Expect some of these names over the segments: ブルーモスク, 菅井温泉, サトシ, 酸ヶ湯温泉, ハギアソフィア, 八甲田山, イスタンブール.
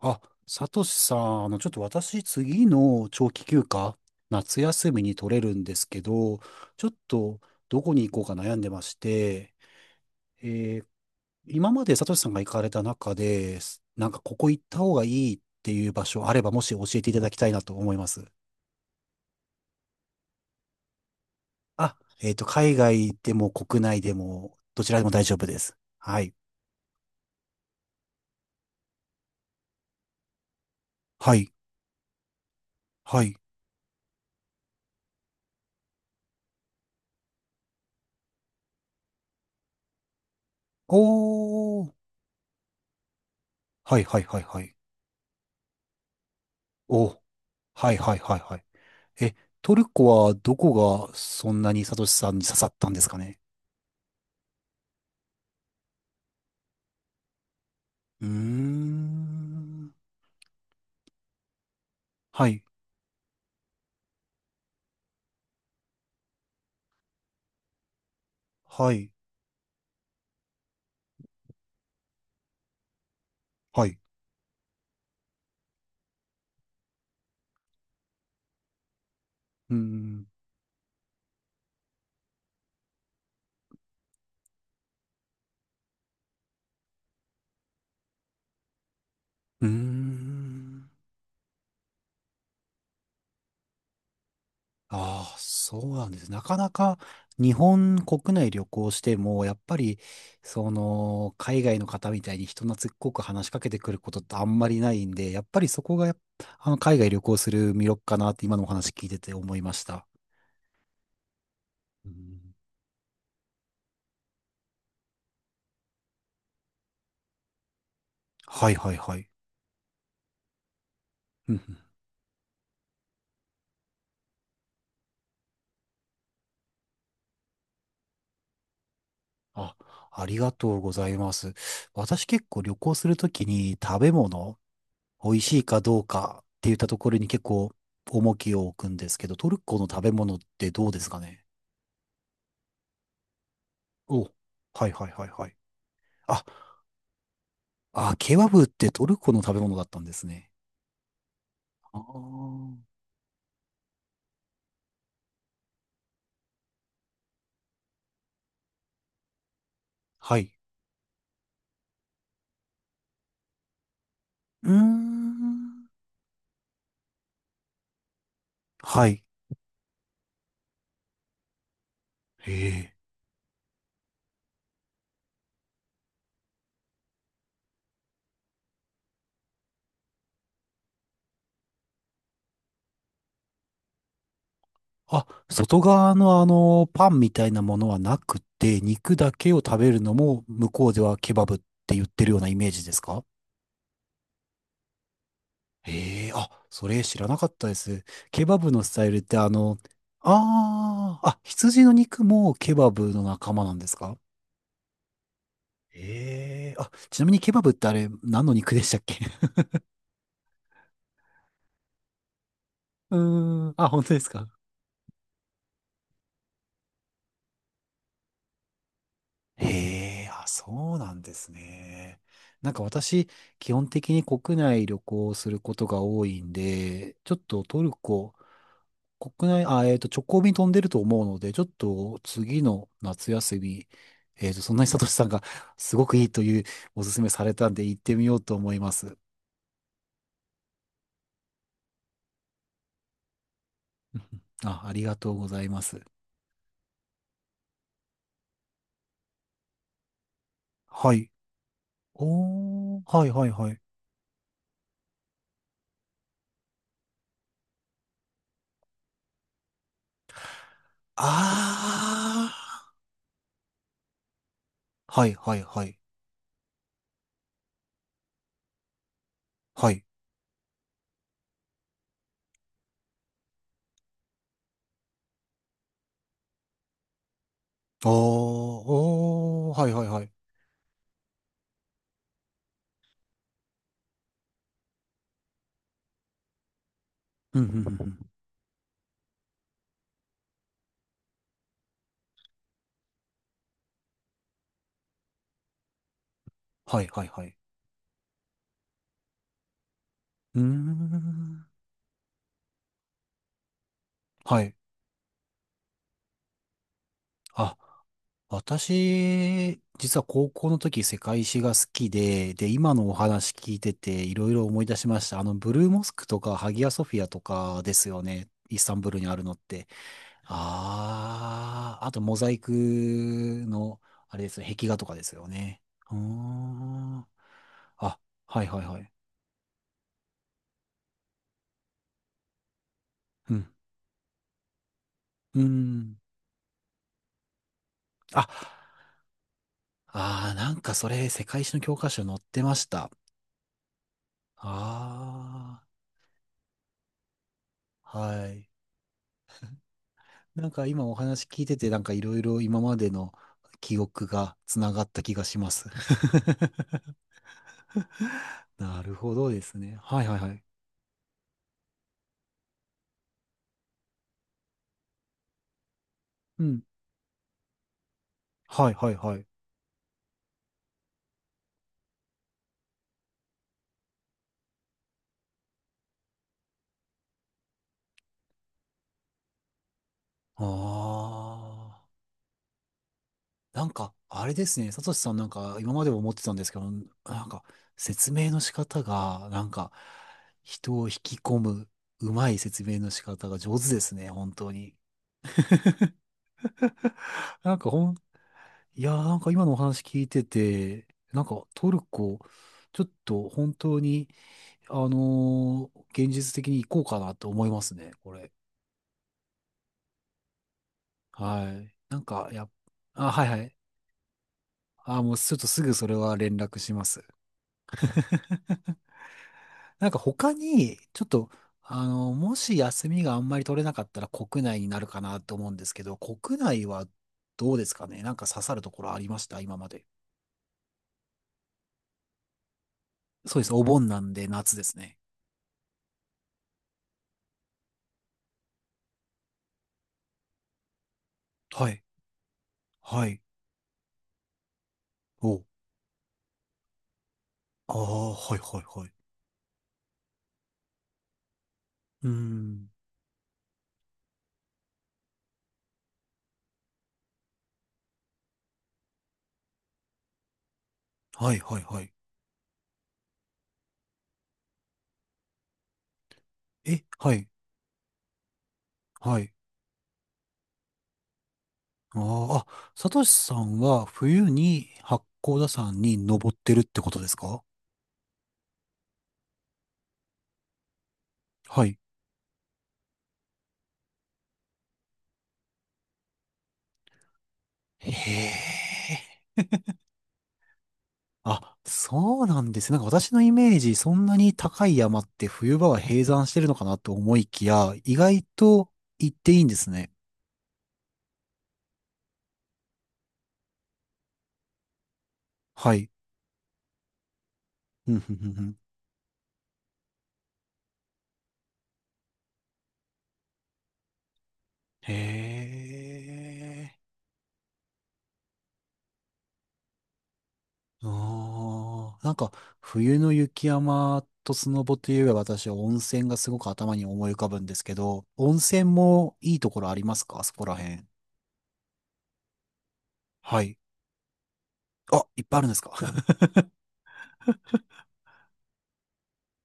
あ、サトシさん、ちょっと私、次の長期休暇、夏休みに取れるんですけど、ちょっと、どこに行こうか悩んでまして、えー今までサトシさんが行かれた中で、なんかここ行った方がいいっていう場所あれば、もし教えていただきたいなと思います。あ、海外でも国内でも、どちらでも大丈夫です。はい。はい。はい。おー。はいはいはいはい。おはいはいはいはい。え、トルコはどこがそんなにサトシさんに刺さったんですかね？うーん。はい、はい、はい。うーん。うーん。ああ、そうなんです。なかなか日本国内旅行しても、やっぱり、その、海外の方みたいに人懐っこく話しかけてくることってあんまりないんで、やっぱりそこがやっぱ、海外旅行する魅力かなって今のお話聞いてて思いました。うんはいはいはい。うんあ、ありがとうございます。私結構旅行するときに食べ物、美味しいかどうかって言ったところに結構重きを置くんですけど、トルコの食べ物ってどうですかね？お、はいはいはいはい。あ、あ、ケバブってトルコの食べ物だったんですね。あーはい。うーん。はい。へえ。あ、外側のパンみたいなものはなくて、肉だけを食べるのも向こうではケバブって言ってるようなイメージですか？ええあ、それ知らなかったです。ケバブのスタイルってああ、あ、羊の肉もケバブの仲間なんですか？ええあ、ちなみにケバブってあれ何の肉でしたっけ？ うーん、あ、本当ですか？ええあ、そうなんですね。なんか私、基本的に国内旅行をすることが多いんで、ちょっとトルコ、国内、あ、直行便飛んでると思うので、ちょっと次の夏休み、そんなにさとしさんが すごくいいというおすすめされたんで行ってみようと思います。うんあ、ありがとうございます。はい。おー、はいはいはい。あー、はいはいはい。はい。おー、おー、はいはいはい。うんうんうんうん。はいはいはい。うーん。はい。あ私、実は高校の時世界史が好きで、で、今のお話聞いてていろいろ思い出しました。ブルーモスクとかハギアソフィアとかですよね。イスタンブールにあるのって。ああ、あとモザイクの、あれですよ、壁画とかですよね。うーん。あ、はいはいはい。うん。うーん。あ、ああ、なんかそれ世界史の教科書に載ってました。ああ、はい。なんか今お話聞いてて、なんかいろいろ今までの記憶がつながった気がします。なるほどですね。はいはいはい。うん。はいはいはい。ああ。なんか、あれですね。サトシさんなんか今までも思ってたんですけど、なんか説明の仕方が、なんか人を引き込む、うまい説明の仕方が上手ですね。本当に。なんかいやーなんか今のお話聞いてて、なんかトルコ、ちょっと本当に現実的に行こうかなと思いますね、これ。はい。なんか、あ、はいはい。あ、もうちょっとすぐそれは連絡します。なんか他に、ちょっと、もし休みがあんまり取れなかったら国内になるかなと思うんですけど、国内はどうですかね？なんか刺さるところありました今まで？そうです。お盆なんで夏ですね。はい。はい。お。ああ、はいはいはい。うーん。はいはいはい。え、はい。はい。あーあ、サトシさんは冬に八甲田山に登ってるってことですか？はい。へえ。あ、そうなんですね。なんか私のイメージ、そんなに高い山って冬場は閉山してるのかなと思いきや、意外と行っていいんですね。はい。うんうんうんうんへえ。ああ、なんか、冬の雪山とスノボといえば私は温泉がすごく頭に思い浮かぶんですけど、温泉もいいところありますかそこら辺？はい。あ、いっぱいあるんですか？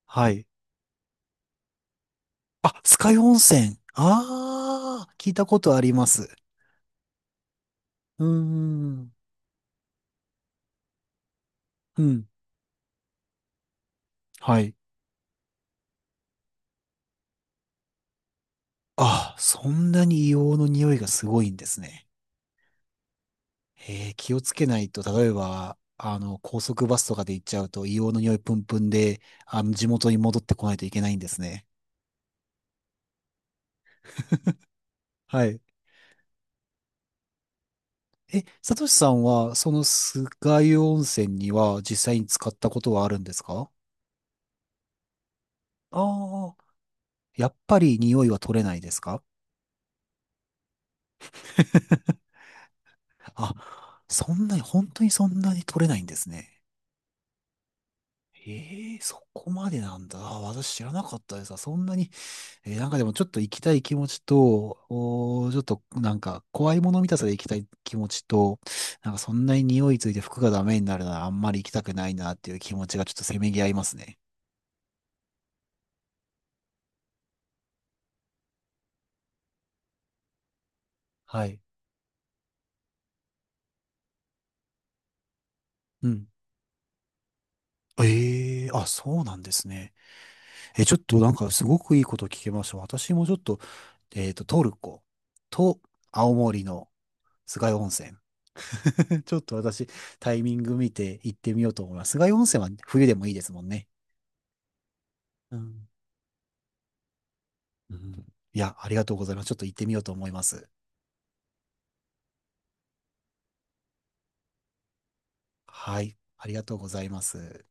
はい。あ、酸ヶ湯温泉。ああ、聞いたことあります。うーん。うん。はい。あ、そんなに硫黄の匂いがすごいんですね。気をつけないと、例えば、高速バスとかで行っちゃうと、硫黄の匂いプンプンで、地元に戻ってこないといけないんですね。はい。え、サトシさんは、その酸ヶ湯温泉には実際に使ったことはあるんですか？ああー、やっぱり匂いは取れないですか？ あ、そんなに、本当にそんなに取れないんですね。ええそこまでなんだ。あ私知らなかったです。あそんなになんかでもちょっと行きたい気持ちと、ちょっとなんか怖いもの見たさで行きたい気持ちと、なんかそんなに匂いついて服がダメになるならあんまり行きたくないなっていう気持ちがちょっとせめぎ合いますね。はい。うん。ええあ、そうなんですね。え、ちょっとなんかすごくいいこと聞けました。私もちょっと、トルコと青森の菅井温泉。ちょっと私、タイミング見て行ってみようと思います。菅井温泉は冬でもいいですもんね。うんうんいや、ありがとうございます。ちょっと行ってみようと思います。はい。ありがとうございます。